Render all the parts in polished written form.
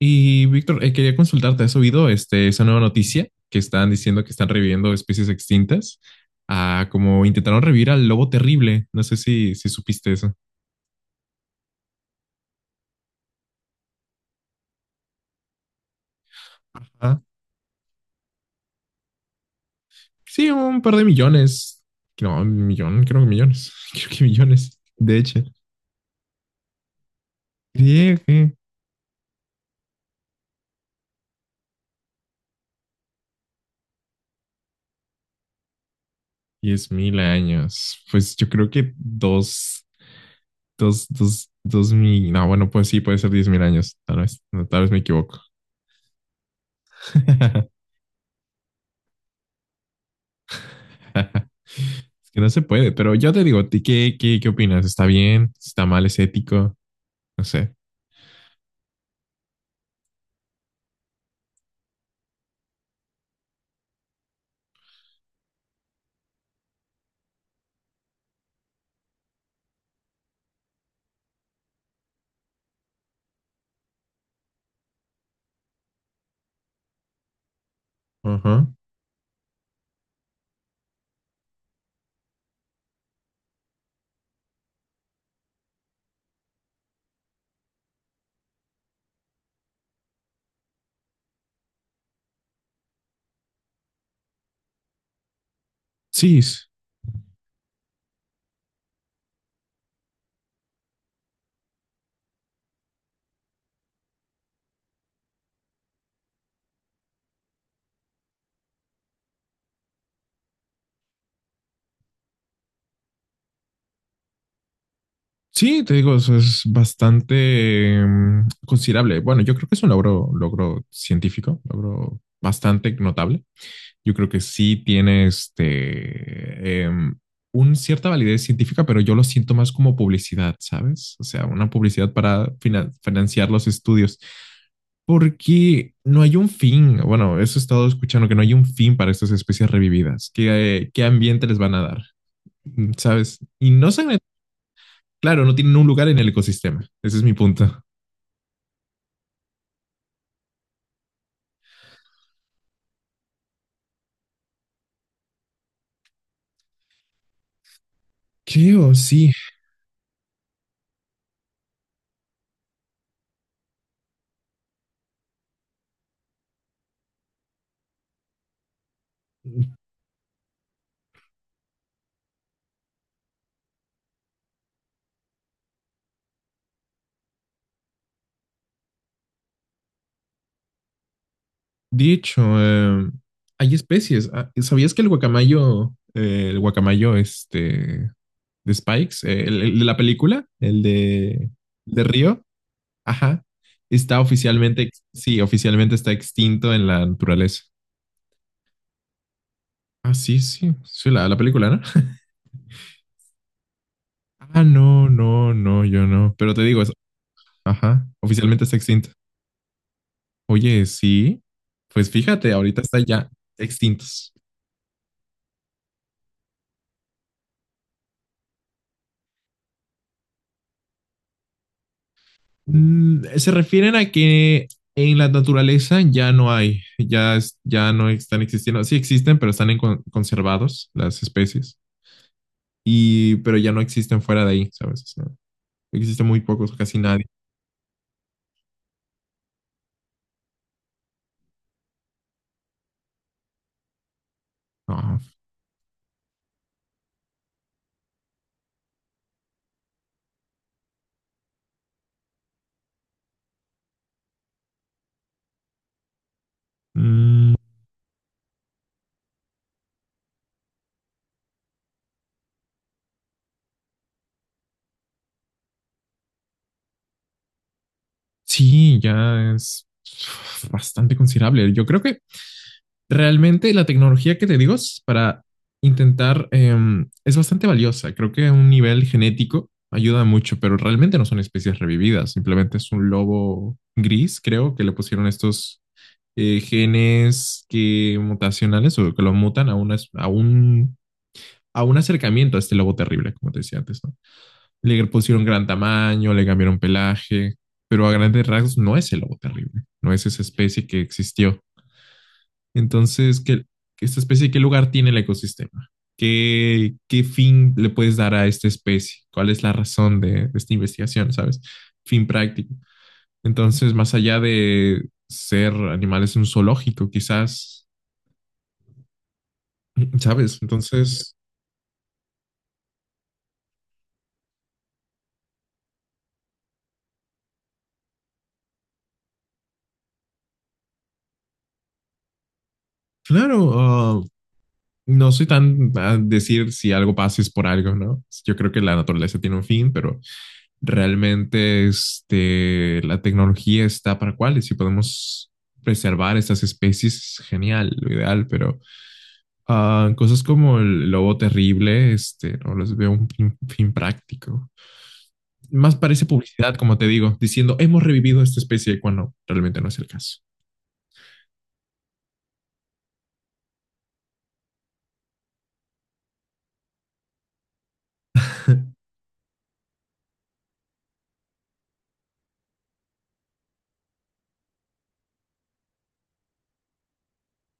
Y Víctor, quería consultarte, ¿has oído este, esa nueva noticia que están diciendo que están reviviendo especies extintas? Ah, como intentaron revivir al lobo terrible. No sé si supiste eso. Ajá. Sí, un par de millones. No, un millón, creo que millones. Creo que millones. De hecho, creía que 10 mil años. Pues yo creo que dos mil. No, bueno, pues sí, puede ser 10.000 años. Tal vez, no, tal vez me equivoco. Es que no se puede, pero yo te digo, ¿ti ¿qué opinas? ¿Está bien? ¿Está mal? ¿Es ético? No sé. Ajá. Sí, sí, te digo, eso es bastante considerable. Bueno, yo creo que es un logro, logro científico, logro bastante notable. Yo creo que sí tiene este, un cierta validez científica, pero yo lo siento más como publicidad, ¿sabes? O sea, una publicidad para financiar los estudios, porque no hay un fin. Bueno, eso he estado escuchando, que no hay un fin para estas especies revividas. ¿Qué ambiente les van a dar? ¿Sabes? Y no se. Claro, no tienen un lugar en el ecosistema. Ese es mi punto. Creo, sí. Dicho, hay especies. Ah, ¿sabías que el guacamayo este, de Spikes, el de la película, el de Río, ajá, está oficialmente, sí, oficialmente está extinto en la naturaleza. Ah, sí, sí, sí, la película, ¿no? Ah, no, no, no, yo no. Pero te digo, ajá, oficialmente está extinto. Oye, sí, pues fíjate, ahorita están ya extintos. Mm, se refieren a que en la naturaleza ya no hay, ya no están existiendo. Sí existen, pero están en conservados las especies, pero ya no existen fuera de ahí, ¿sabes? O sea, existen muy pocos, casi nadie. Ah, mm, sí, ya es bastante considerable. Yo creo que realmente la tecnología que te digo es para intentar, es bastante valiosa. Creo que a un nivel genético ayuda mucho, pero realmente no son especies revividas. Simplemente es un lobo gris, creo, que le pusieron estos genes que mutacionales o que lo mutan a un acercamiento a este lobo terrible, como te decía antes, ¿no? Le pusieron gran tamaño, le cambiaron pelaje, pero a grandes rasgos no es el lobo terrible, no es esa especie que existió. Entonces, esta especie, ¿qué lugar tiene el ecosistema? ¿Qué fin le puedes dar a esta especie? ¿Cuál es la razón de esta investigación, sabes? Fin práctico. Entonces, más allá de ser animales en un zoológico, quizás, ¿sabes? Entonces, claro, ah, no soy tan a decir si algo pasa es por algo, ¿no? Yo creo que la naturaleza tiene un fin, pero realmente este, la tecnología está para cuáles si podemos preservar estas especies, genial, lo ideal, pero ah, cosas como el lobo terrible, este, no les veo un fin, fin práctico. Más parece publicidad, como te digo, diciendo hemos revivido esta especie cuando realmente no es el caso.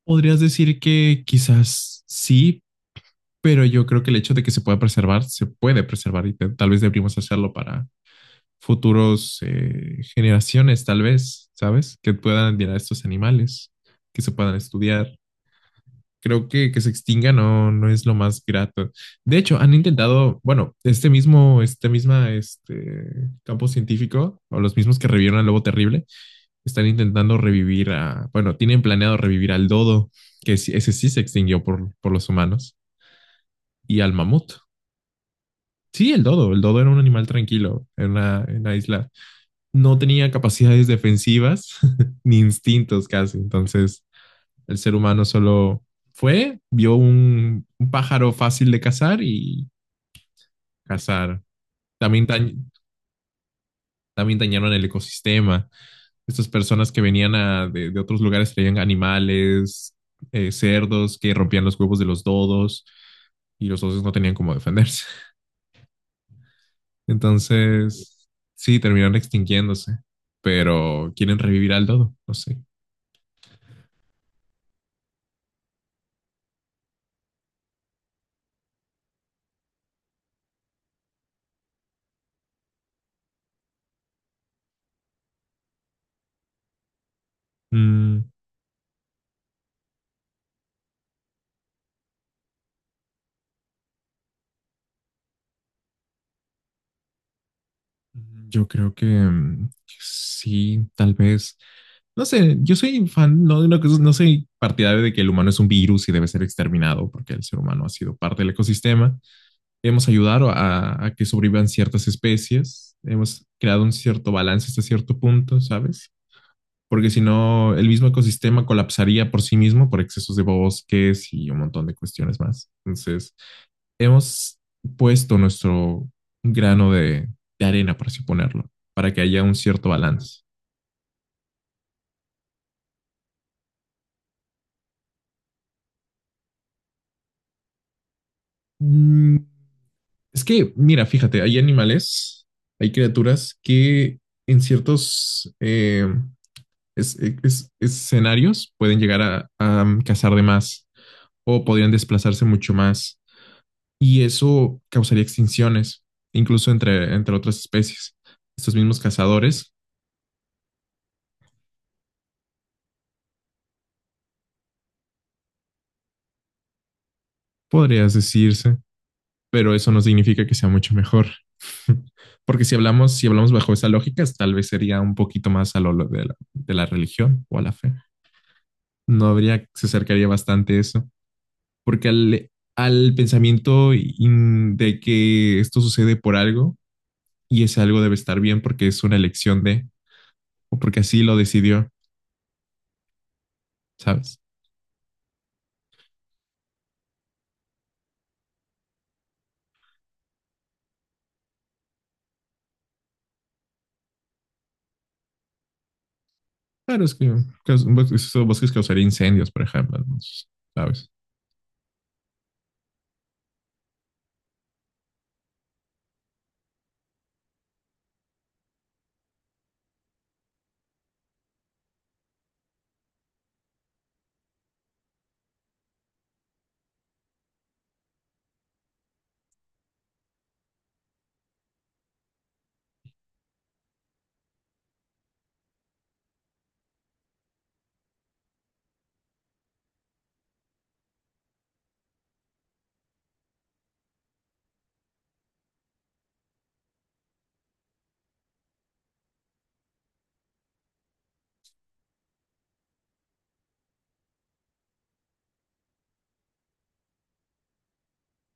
Podrías decir que quizás sí, pero yo creo que el hecho de que se pueda preservar, se puede preservar y tal vez deberíamos hacerlo para futuros generaciones, tal vez, ¿sabes? Que puedan admirar a estos animales, que se puedan estudiar. Creo que se extinga no, no es lo más grato. De hecho, han intentado, bueno, este campo científico, o los mismos que revivieron al lobo terrible, están intentando revivir bueno, tienen planeado revivir al dodo, que ese sí se extinguió por los humanos, y al mamut. Sí, el dodo era un animal tranquilo en una isla, no tenía capacidades defensivas ni instintos casi. Entonces, el ser humano solo fue, vio un, pájaro fácil de cazar y cazar. También, dañ- también dañaron el ecosistema. Estas personas que venían de otros lugares traían animales, cerdos que rompían los huevos de los dodos y los osos no tenían cómo defenderse. Entonces, sí, terminaron extinguiéndose, pero quieren revivir al dodo, no sé. Mm. Yo creo que sí, tal vez. No sé, yo soy fan, no, de una cosa, no soy partidario de que el humano es un virus y debe ser exterminado, porque el ser humano ha sido parte del ecosistema. Hemos ayudado a que sobrevivan ciertas especies, hemos creado un cierto balance hasta cierto punto, ¿sabes? Porque si no, el mismo ecosistema colapsaría por sí mismo por excesos de bosques y un montón de cuestiones más. Entonces, hemos puesto nuestro grano de arena, por así ponerlo, para que haya un cierto balance. Mm, Es que, mira, fíjate, hay animales, hay criaturas que en ciertos escenarios pueden llegar a cazar de más o podrían desplazarse mucho más y eso causaría extinciones, incluso entre otras especies. Estos mismos cazadores, podrías decirse, pero eso no significa que sea mucho mejor. Porque si hablamos bajo esa lógica, tal vez sería un poquito más a lo de la, religión o a la fe. No habría, se acercaría bastante a eso. Porque al pensamiento de que esto sucede por algo y ese algo debe estar bien porque es una elección de, o porque así lo decidió, ¿sabes? Claro, es que esos bosques causaría incendios, por ejemplo, ¿no? ¿Sabes?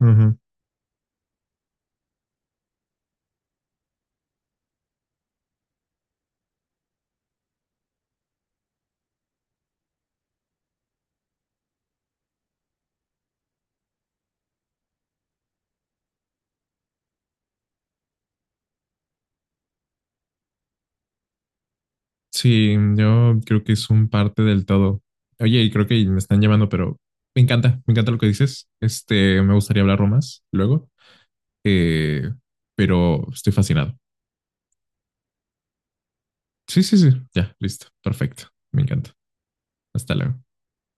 Ujú. Sí, yo creo que es un parte del todo. Oye, y creo que me están llamando, pero me encanta lo que dices. Este, me gustaría hablarlo más luego, eh, pero estoy fascinado. Sí, sí, sí, ya, listo, perfecto, me encanta. Hasta luego.